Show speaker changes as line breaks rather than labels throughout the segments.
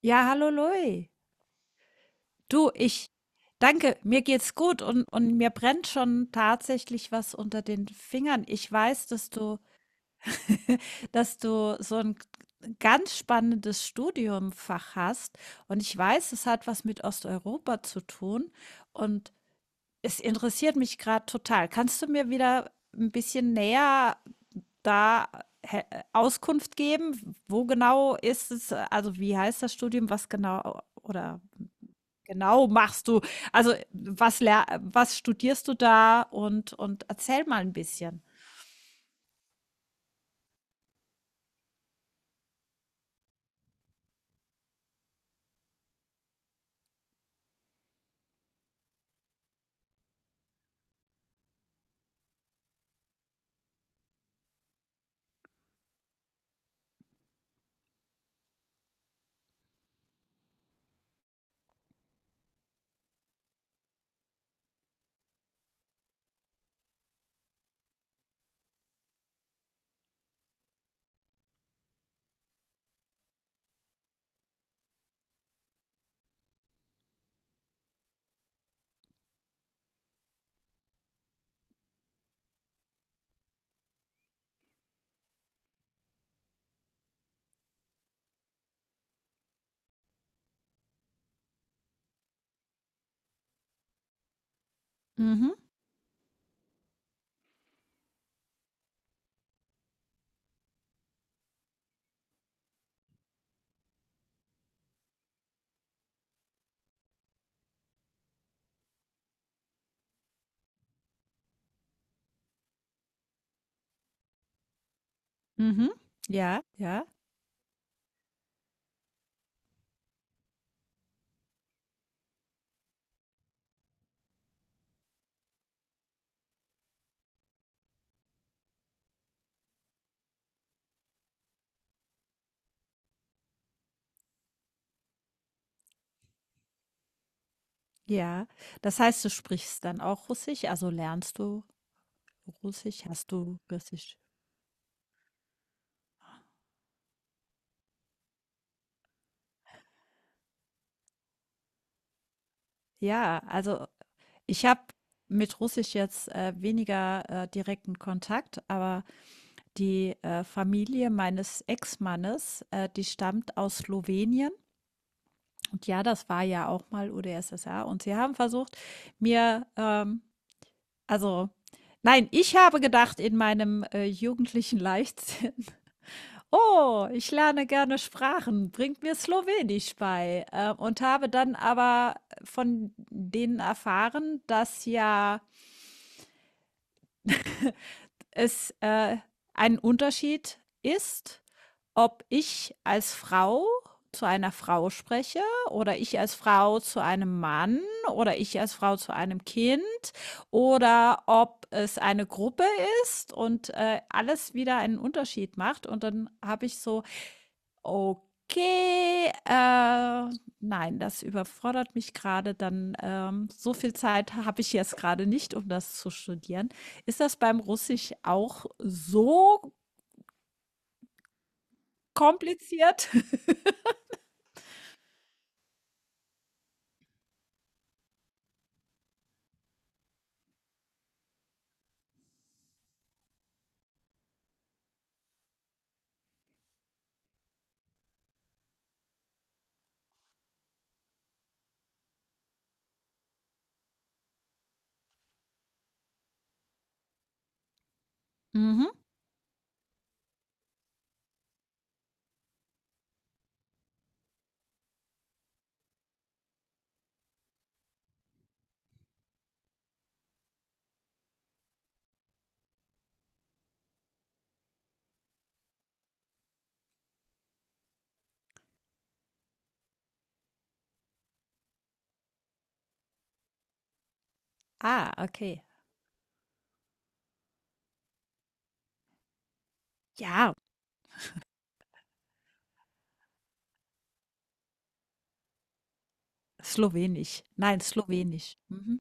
Ja, hallo Louis. Du, ich danke, mir geht's gut und mir brennt schon tatsächlich was unter den Fingern. Ich weiß, dass du so ein ganz spannendes Studiumfach hast und ich weiß, es hat was mit Osteuropa zu tun und es interessiert mich gerade total. Kannst du mir wieder ein bisschen näher da he- Auskunft geben? Wo genau ist es, also wie heißt das Studium, was genau oder? Genau, machst du. Also, was studierst du da und erzähl mal ein bisschen. Mhm, mhm. Ja, ja, ja. Das heißt, du sprichst dann auch Russisch? Also, lernst du Russisch? Hast du Russisch? Ja, also, ich habe mit Russisch jetzt, weniger, direkten Kontakt, aber die, Familie meines Ex-Mannes, die stammt aus Slowenien. Und ja, das war ja auch mal UdSSR. Und sie haben versucht, mir, ähm also, nein, ich habe gedacht in meinem, jugendlichen Leichtsinn: „Oh, ich lerne gerne Sprachen, bringt mir Slowenisch bei.“ Und habe dann aber von denen erfahren, dass ja es ein Unterschied ist, ob ich als Frau zu einer Frau spreche oder ich als Frau zu einem Mann oder ich als Frau zu einem Kind oder ob es eine Gruppe ist und alles wieder einen Unterschied macht. Und dann habe ich so okay, nein, das überfordert mich gerade. Dann, so viel Zeit habe ich jetzt gerade nicht, um das zu studieren. Ist das beim Russisch auch so kompliziert? Mhm. Ah, okay. Ja, Slowenisch. Nein, Slowenisch. Mhm.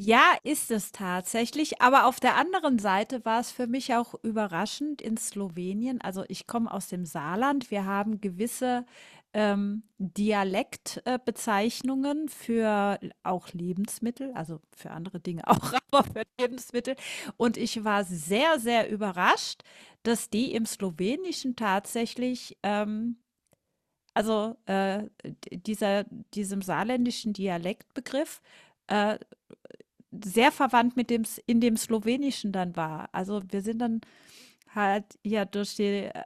Ja, ist es tatsächlich, aber auf der anderen Seite war es für mich auch überraschend in Slowenien. Also, ich komme aus dem Saarland. Wir haben gewisse, Dialekt Bezeichnungen für l auch Lebensmittel, also, für andere Dinge auch, aber für Lebensmittel. Und ich war sehr, sehr überrascht, dass die im Slowenischen tatsächlich, also, d dieser diesem saarländischen Dialektbegriff, äh, sehr verwandt mit dem S in dem Slowenischen dann war. Also, wir sind dann halt ja durch die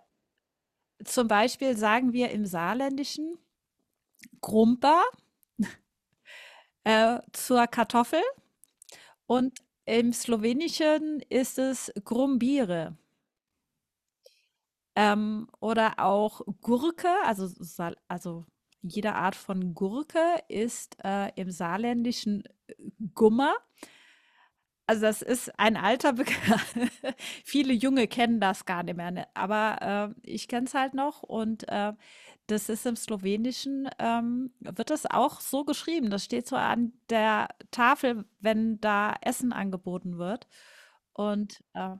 zum Beispiel sagen wir im Saarländischen „Grumpa“, zur Kartoffel und im Slowenischen ist es „Grumbire“, oder auch Gurke, also jede Art von Gurke ist, im Saarländischen Gummer. Also, das ist ein alter Bekan. Viele Junge kennen das gar nicht mehr, ne? Aber, ich kenne es halt noch und, das ist im Slowenischen, wird das auch so geschrieben. Das steht so an der Tafel, wenn da Essen angeboten wird. Und,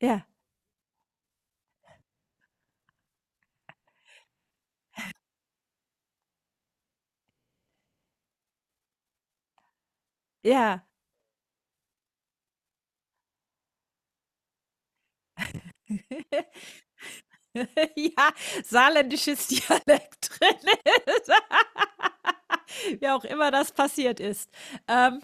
ja, ja. Ja, saarländisches Dialekt drin ist. Wie auch immer das passiert ist. Ähm,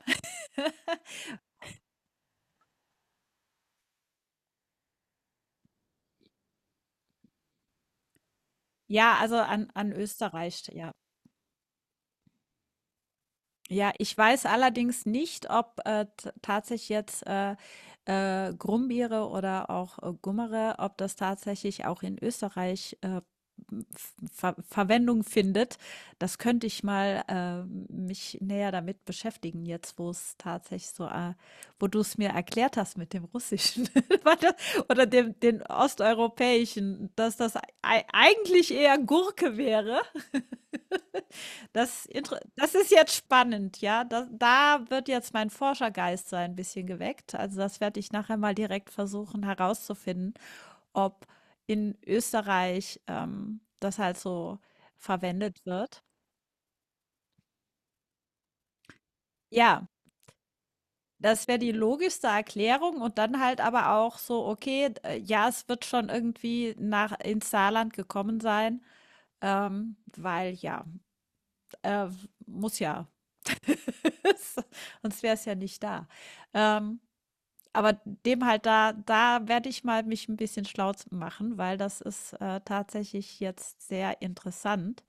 ja, also an an Österreich, ja. Ja, ich weiß allerdings nicht, ob, t tatsächlich jetzt, Brombeere oder auch, Gummere, ob das tatsächlich auch in Österreich, m f Ver Verwendung findet. Das könnte ich mal, mich näher damit beschäftigen jetzt, wo es tatsächlich so, wo du es mir erklärt hast mit dem Russischen warte oder dem den Osteuropäischen, dass das ei eigentlich eher Gurke wäre. Das ist jetzt spannend, ja. Da wird jetzt mein Forschergeist so ein bisschen geweckt. Also, das werde ich nachher mal direkt versuchen herauszufinden, ob in Österreich, das halt so verwendet wird. Ja, das wäre die logischste Erklärung und dann halt aber auch so, okay, d ja, es wird schon irgendwie nach ins Saarland gekommen sein, weil ja, äh, muss ja. Sonst wäre es ja nicht da. Ähm, aber dem halt da da werde ich mal mich ein bisschen schlau z machen, weil das ist, tatsächlich jetzt sehr interessant.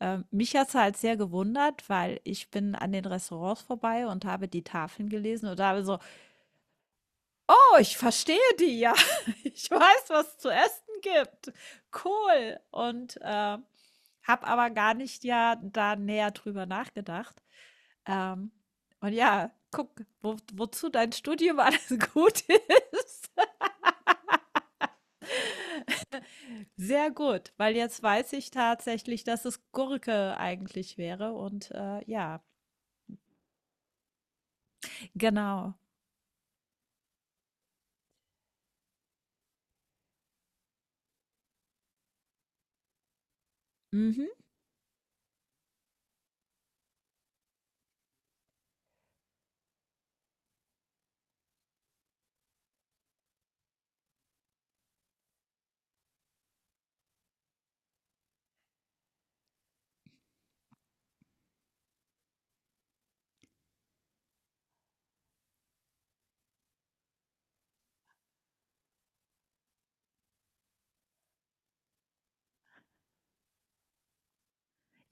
Mich hat es halt sehr gewundert, weil ich bin an den Restaurants vorbei und habe die Tafeln gelesen und habe so: „Oh, ich verstehe die ja. Ich weiß, was es zu essen gibt. Cool.“ Und, habe aber gar nicht ja da näher drüber nachgedacht. Ähm, und ja, guck, wo wozu dein Studium alles gut ist. Sehr gut, weil jetzt weiß ich tatsächlich, dass es Gurke eigentlich wäre und, ja, genau. Mhm.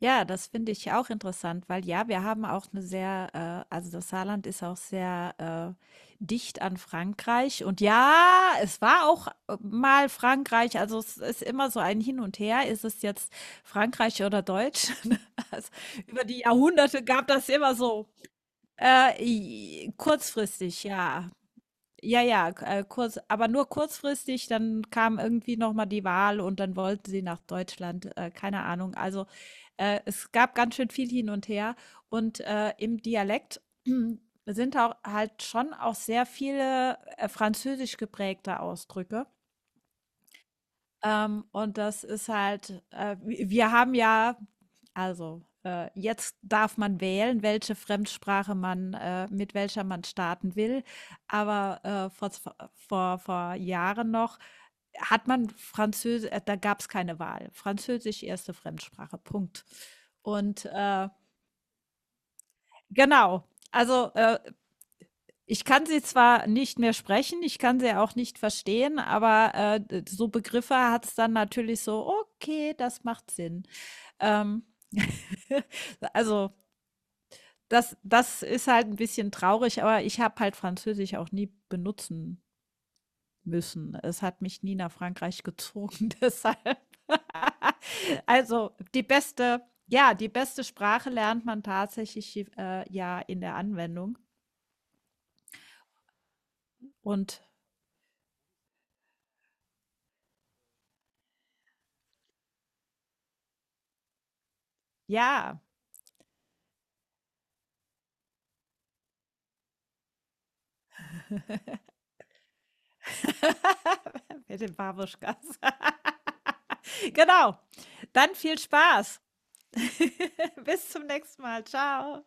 Ja, das finde ich auch interessant, weil ja, wir haben auch eine sehr, also, das Saarland ist auch sehr, dicht an Frankreich und ja, es war auch, mal Frankreich, also, es ist immer so ein Hin und Her. Ist es jetzt Frankreich oder Deutsch? Also, über die Jahrhunderte gab das immer so, i kurzfristig, ja. Ja, ja, k kurz, aber nur kurzfristig, dann kam irgendwie noch mal die Wahl und dann wollten sie nach Deutschland, keine Ahnung. Also, es gab ganz schön viel hin und her und, im Dialekt sind auch halt schon auch sehr viele, französisch geprägte Ausdrücke. Und das ist halt wi wir haben ja also, jetzt darf man wählen, welche Fremdsprache man mit welcher man starten will. Aber, vor vor Jahren noch hat man Französisch. Da gab es keine Wahl. Französisch erste Fremdsprache, Punkt. Und, genau, also, ich kann sie zwar nicht mehr sprechen, ich kann sie auch nicht verstehen, aber, d so Begriffe hat es dann natürlich so: „Okay, das macht Sinn.“ Ähm, also, das ist halt ein bisschen traurig, aber ich habe halt Französisch auch nie benutzen müssen. Es hat mich nie nach Frankreich gezogen, deshalb. Also, die beste ja, die beste Sprache lernt man tatsächlich, ja in der Anwendung und ja. Mit den Babuschkas. Genau. Dann viel Spaß. Bis zum nächsten Mal. Ciao.